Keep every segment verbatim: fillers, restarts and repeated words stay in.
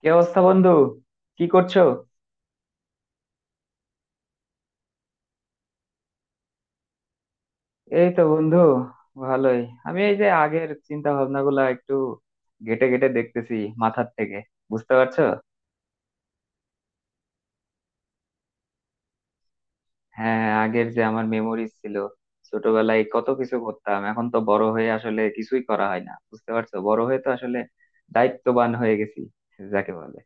কি অবস্থা বন্ধু? কি করছো? এই তো বন্ধু, ভালোই। আমি এই যে আগের চিন্তা ভাবনা গুলা একটু ঘেটে ঘেটে দেখতেছি মাথার থেকে। বুঝতে পারছো? হ্যাঁ হ্যাঁ, আগের যে আমার মেমোরিজ ছিল, ছোটবেলায় কত কিছু করতাম। এখন তো বড় হয়ে আসলে কিছুই করা হয় না, বুঝতে পারছো? বড় হয়ে তো আসলে দায়িত্ববান হয়ে গেছি, যাকে বলে।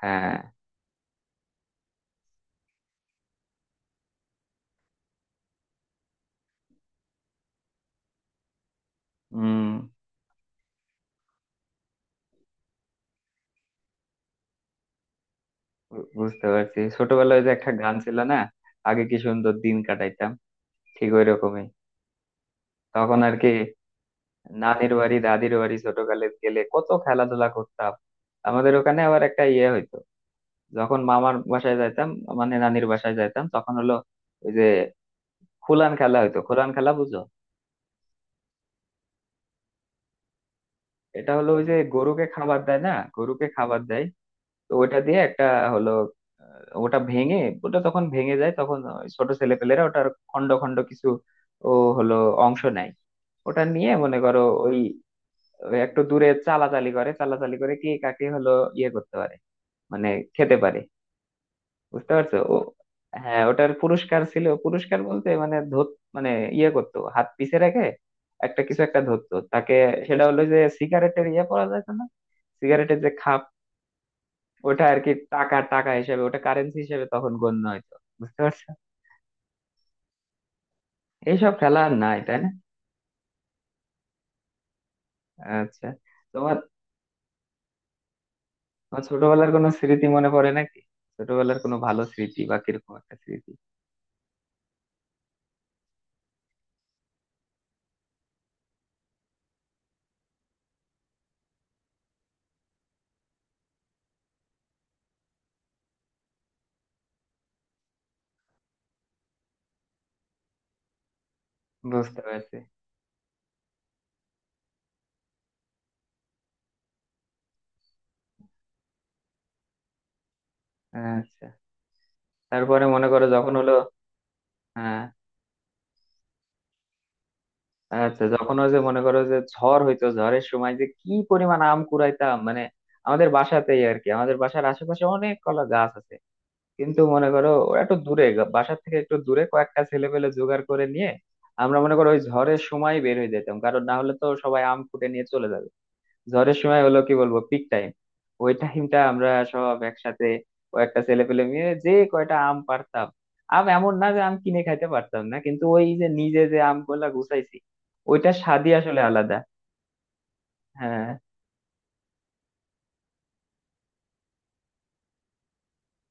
হ্যাঁ। উম বু- বুঝতে পারছি, ছোটবেলায় যে একটা গান ছিল না, আগে কি সুন্দর দিন কাটাইতাম, ঠিক ওই রকমই তখন আর কি। নানির বাড়ি, দাদির বাড়ি ছোটকালে গেলে কত খেলাধুলা করতাম। আমাদের ওখানে আবার একটা ইয়ে হইতো। যখন মামার বাসায় যাইতাম, মানে নানির বাসায় যাইতাম, তখন হলো ওই যে খুলান খেলা হইতো। খুলান খেলা বুঝো? এটা হলো ওই যে গরুকে খাবার দেয় না, গরুকে খাবার দেয়, তো ওটা দিয়ে একটা হলো, আহ, ওটা ভেঙে, ওটা তখন ভেঙে যায়, তখন ওই ছোট ছেলেপেলেরা ওটার খন্ড খন্ড কিছু, ও, হলো অংশ নেয়। ওটা নিয়ে মনে করো ওই, ওই একটু দূরে চালাচালি করে, চালাচালি করে কে কাকে হলো ইয়ে করতে পারে, মানে খেতে পারি। বুঝতে পারছো? ও হ্যাঁ, ওটার পুরস্কার ছিল। পুরস্কার বলতে মানে ধর, মানে ইয়ে করতো হাত পিছে রেখে, একটা কিছু একটা ধরতো তাকে। সেটা হলো যে সিগারেটের ইয়ে পাওয়া যায় না, সিগারেটের যে খাপ, ওটা আর কি টাকা, টাকা হিসেবে, ওটা কারেন্সি হিসেবে তখন গণ্য হইতো। বুঝতে পারছো? এইসব খেলা আর নাই, তাই না? আচ্ছা, তোমার, তোমার ছোটবেলার কোনো স্মৃতি মনে পড়ে নাকি? ছোটবেলার কোনো ভালো স্মৃতি বা কিরকম একটা স্মৃতি। বুঝতে পারছি। আচ্ছা, তারপরে মনে করো যখন হলো। হ্যাঁ, আচ্ছা, যখন ওই যে মনে করো যে ঝড় হইতো, ঝড়ের সময় যে কি পরিমাণ আম কুড়াইতাম, মানে আমাদের বাসাতেই আর কি, আমাদের বাসার আশেপাশে অনেক কলা গাছ আছে, কিন্তু মনে করো ওরা একটু দূরে, গা- বাসার থেকে একটু দূরে, কয়েকটা ছেলে পেলে জোগাড় করে নিয়ে আমরা মনে করো ওই ঝড়ের সময় বের হয়ে যেতাম, কারণ না হলে তো সবাই আম কুটে নিয়ে চলে যাবে। ঝড়ের সময় হলো কি বলবো, পিক টাইম। ওই টাইমটা আমরা সব একসাথে কয়েকটা ছেলে পেলে মিলে যে কয়টা আম পারতাম। আম এমন না যে আম কিনে খাইতে পারতাম না, কিন্তু ওই যে নিজে যে আম গুলা গুছাইছি, ওইটার স্বাদই আসলে আলাদা। হ্যাঁ,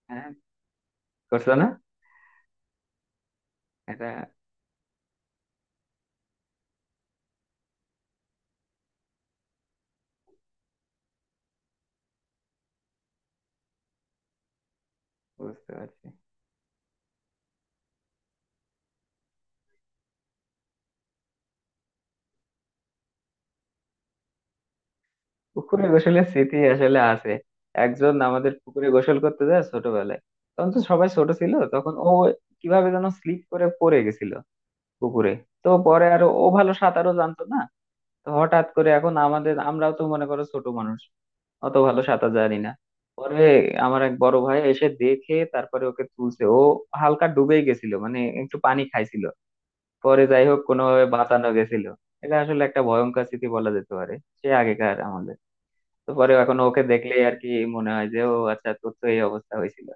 হ্যাঁ, করছো না এটা? বুঝতে পারছি। পুকুরে গোসলের স্মৃতি আসলে আছে। একজন আমাদের পুকুরে গোসল করতে যায় ছোটবেলায়, তখন তো সবাই ছোট ছিল, তখন ও কিভাবে যেন স্লিপ করে পড়ে গেছিল পুকুরে। তো পরে আর ও ভালো সাঁতারও জানতো না। তো হঠাৎ করে এখন আমাদের, আমরাও তো মনে করো ছোট মানুষ, অত ভালো সাঁতার জানি না। পরে আমার এক বড় ভাই এসে দেখে, তারপরে ওকে তুলছে। ও হালকা ডুবেই গেছিল, মানে একটু পানি খাইছিল। পরে যাই হোক, কোনোভাবে বাঁচানো গেছিল। এটা আসলে একটা ভয়ঙ্কর স্মৃতি বলা যেতে পারে। সে আগেকার, আমাদের তো, পরে এখন ওকে দেখলেই আর কি মনে হয় যে, ও আচ্ছা, তোর তো এই অবস্থা হয়েছিল।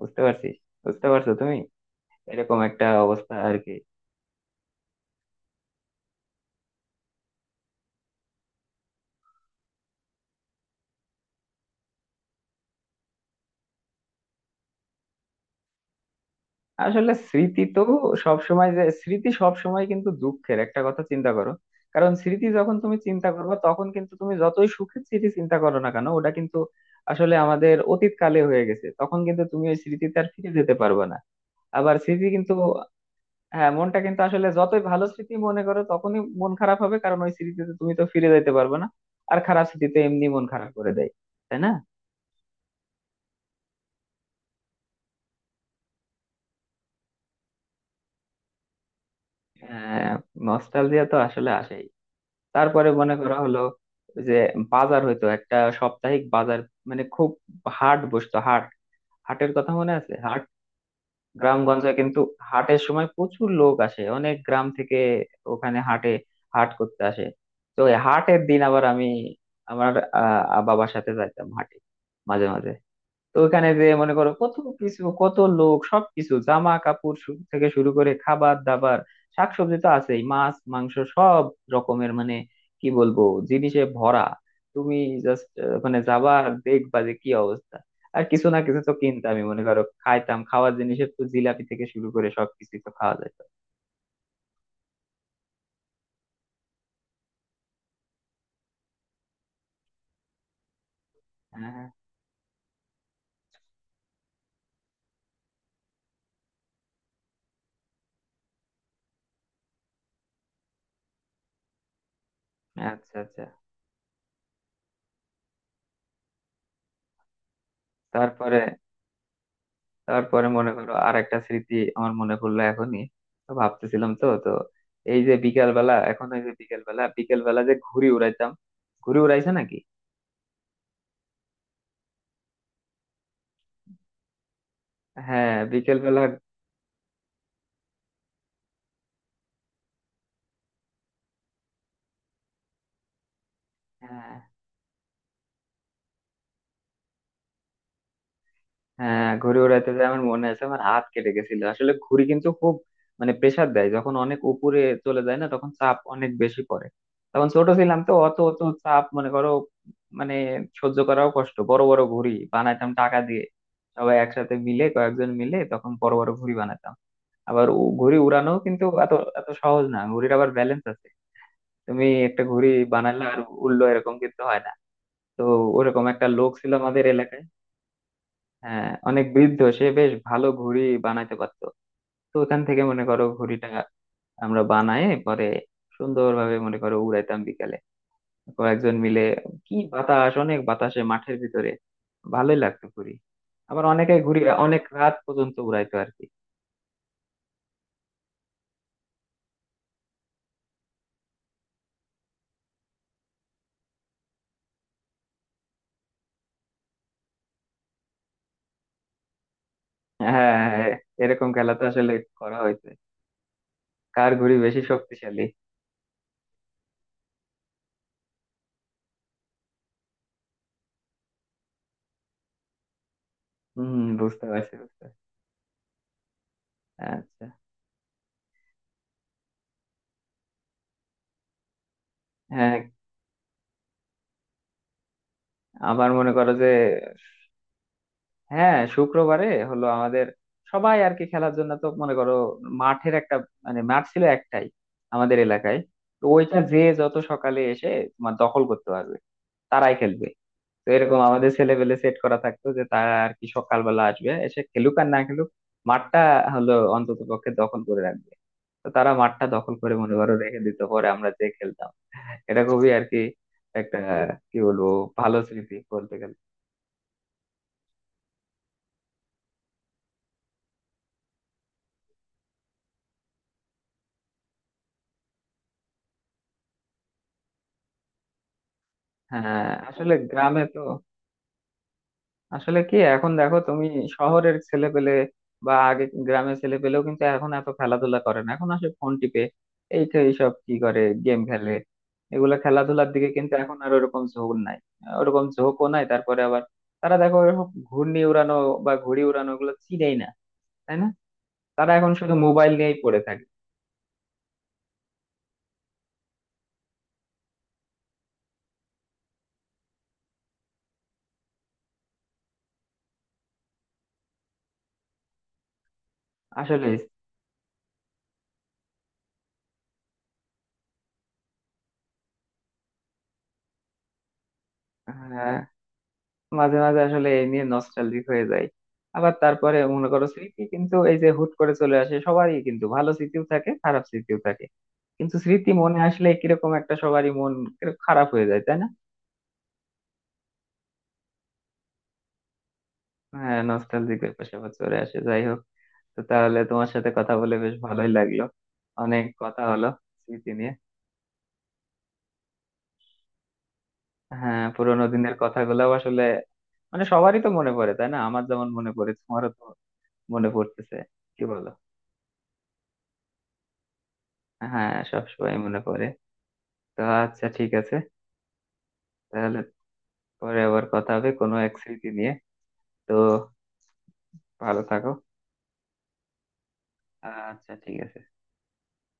বুঝতে পারছিস? বুঝতে পারছো তুমি? এরকম একটা অবস্থা আর কি। আসলে স্মৃতি তো সবসময় যে স্মৃতি সবসময় কিন্তু দুঃখের, একটা কথা চিন্তা করো, কারণ স্মৃতি যখন তুমি চিন্তা করবে তখন কিন্তু, তুমি যতই সুখের স্মৃতি চিন্তা করো না কেন, ওটা কিন্তু আসলে আমাদের অতীত কালে হয়ে গেছে, তখন কিন্তু তুমি ওই স্মৃতিতে আর ফিরে যেতে পারবে না। আবার স্মৃতি কিন্তু, হ্যাঁ, মনটা কিন্তু আসলে যতই ভালো স্মৃতি মনে করো তখনই মন খারাপ হবে, কারণ ওই স্মৃতিতে তুমি তো ফিরে যেতে পারবে না। আর খারাপ স্মৃতিতে এমনি মন খারাপ করে দেয়, তাই না? আহ নস্টালজিয়া তো আসলে আসে। তারপরে মনে করা হলো যে বাজার হইতো, একটা সাপ্তাহিক বাজার, মানে খুব, হাট বসতো, হাট। হাটের কথা মনে আছে, হাট? গ্রামগঞ্জে কিন্তু হাটের সময় প্রচুর লোক আসে, অনেক গ্রাম থেকে ওখানে হাটে, হাট করতে আসে। তো এই হাটের দিন আবার আমি, আমার আহ বাবার সাথে যাইতাম হাটে মাঝে মাঝে। তো ওখানে যে মনে করো কত কিছু, কত লোক, সবকিছু, জামা কাপড় শু- থেকে শুরু করে খাবার দাবার, শাকসবজি তো আছেই, মাছ মাংস সব রকমের, মানে কি বলবো, জিনিসে ভরা। তুমি জাস্ট, মানে যাবা আর দেখবা যে কি অবস্থা। আর কিছু না কিছু তো কিনতামই, মনে করো, খাইতাম, খাওয়ার জিনিসের তো জিলাপি থেকে শুরু করে সবকিছু তো খাওয়া যেত। হ্যাঁ, আচ্ছা আচ্ছা। তারপরে তারপরে মনে করো আর একটা স্মৃতি আমার মনে পড়লো এখনই। তো ভাবতেছিলাম তো তো, এই যে বিকেল বেলা, এখন এই যে বিকেল বেলা, বিকেল বেলা যে ঘুড়ি উড়াইতাম। ঘুড়ি উড়াইছে নাকি? হ্যাঁ বিকেল বেলা। হ্যাঁ ঘুড়ি উড়াইতে যে আমার মনে আছে, আমার হাত কেটে গেছিল। আসলে ঘুড়ি কিন্তু খুব, মানে প্রেসার দেয় যখন অনেক উপরে চলে যায় না, তখন চাপ অনেক বেশি পড়ে। তখন ছোট ছিলাম তো, অত অত চাপ মনে করো মানে সহ্য করাও কষ্ট। বড় বড় ঘুড়ি বানাইতাম টাকা দিয়ে, সবাই একসাথে মিলে, কয়েকজন মিলে, তখন বড় বড় ঘুড়ি বানাতাম। আবার উ- ঘুড়ি উড়ানো কিন্তু এত এত সহজ না, ঘুড়ির আবার ব্যালেন্স আছে। তুমি একটা ঘুড়ি বানালে আর উড়লো এরকম কিন্তু হয় না। তো ওরকম একটা লোক ছিল আমাদের এলাকায়, হ্যাঁ, অনেক বৃদ্ধ, সে বেশ ভালো ঘুড়ি বানাইতে পারতো। তো ওখান থেকে মনে করো ঘুড়িটা আমরা বানায় পরে সুন্দরভাবে মনে করো উড়াইতাম বিকালে, কয়েকজন মিলে। কি বাতাস, অনেক বাতাসে, মাঠের ভিতরে ভালোই লাগতো ঘুড়ি। আবার অনেকে ঘুড়ি অনেক রাত পর্যন্ত উড়াইতো আর কি। হ্যাঁ হ্যাঁ, এরকম খেলা তো আসলে করা হয়েছে। কার ঘুড়ি বেশি শক্তিশালী। হম, বুঝতে পারছি বুঝতে পারছি। আচ্ছা, হ্যাঁ। আবার মনে করো যে, হ্যাঁ, শুক্রবারে হলো আমাদের সবাই আর কি খেলার জন্য, তো মনে করো মাঠের একটা, মানে মাঠ ছিল একটাই আমাদের এলাকায়। তো ওইটা যে যত সকালে এসে তোমার দখল করতে পারবে, তারাই খেলবে। তো এরকম আমাদের ছেলেপেলে সেট করা থাকতো যে তারা আর কি সকালবেলা আসবে, এসে খেলুক আর না খেলুক, মাঠটা হলো অন্তত পক্ষে দখল করে রাখবে। তো তারা মাঠটা দখল করে মনে করো রেখে দিত, পরে আমরা যে খেলতাম। এটা খুবই আর কি একটা, কি বলবো, ভালো স্মৃতি বলতে গেলে। হ্যাঁ, আসলে গ্রামে তো, আসলে কি এখন দেখো তুমি, শহরের ছেলে পেলে বা আগে গ্রামের ছেলে পেলেও কিন্তু এখন এত খেলাধুলা করে না, এখন আসে ফোন টিপে। এই তো এইসব কি করে, গেম খেলে। এগুলা খেলাধুলার দিকে কিন্তু এখন আর ওরকম ঝোঁক নাই। ওরকম ঝোঁকও নাই। তারপরে আবার তারা দেখো, ওরকম ঘূর্ণি উড়ানো বা ঘুড়ি উড়ানো ওগুলো চিনেই না, তাই না? তারা এখন শুধু মোবাইল নিয়েই পড়ে থাকে। আসলে, হ্যাঁ, মাঝে মাঝে আসলে এই নিয়ে নস্টালজিক হয়ে যায়। আবার তারপরে মনে করো স্মৃতি কিন্তু এই যে হুট করে চলে আসে, সবারই কিন্তু ভালো স্মৃতিও থাকে, খারাপ স্মৃতিও থাকে, কিন্তু স্মৃতি মনে আসলে কিরকম একটা সবারই মন কিরকম খারাপ হয়ে যায়, তাই না? হ্যাঁ, নস্টালজিক ব্যাপার স্যাপার চলে আসে। যাই হোক, তো তাহলে তোমার সাথে কথা বলে বেশ ভালোই লাগলো, অনেক কথা হলো স্মৃতি নিয়ে। হ্যাঁ পুরোনো দিনের কথাগুলো আসলে মানে সবারই তো মনে পড়ে, তাই না? আমার যেমন মনে পড়ে, তোমারও তো মনে পড়তেছে। কি বলো? হ্যাঁ, সবসময় মনে পড়ে। তো আচ্ছা, ঠিক আছে, তাহলে পরে আবার কথা হবে কোনো এক স্মৃতি নিয়ে। তো ভালো থাকো। আচ্ছা, ঠিক আছে।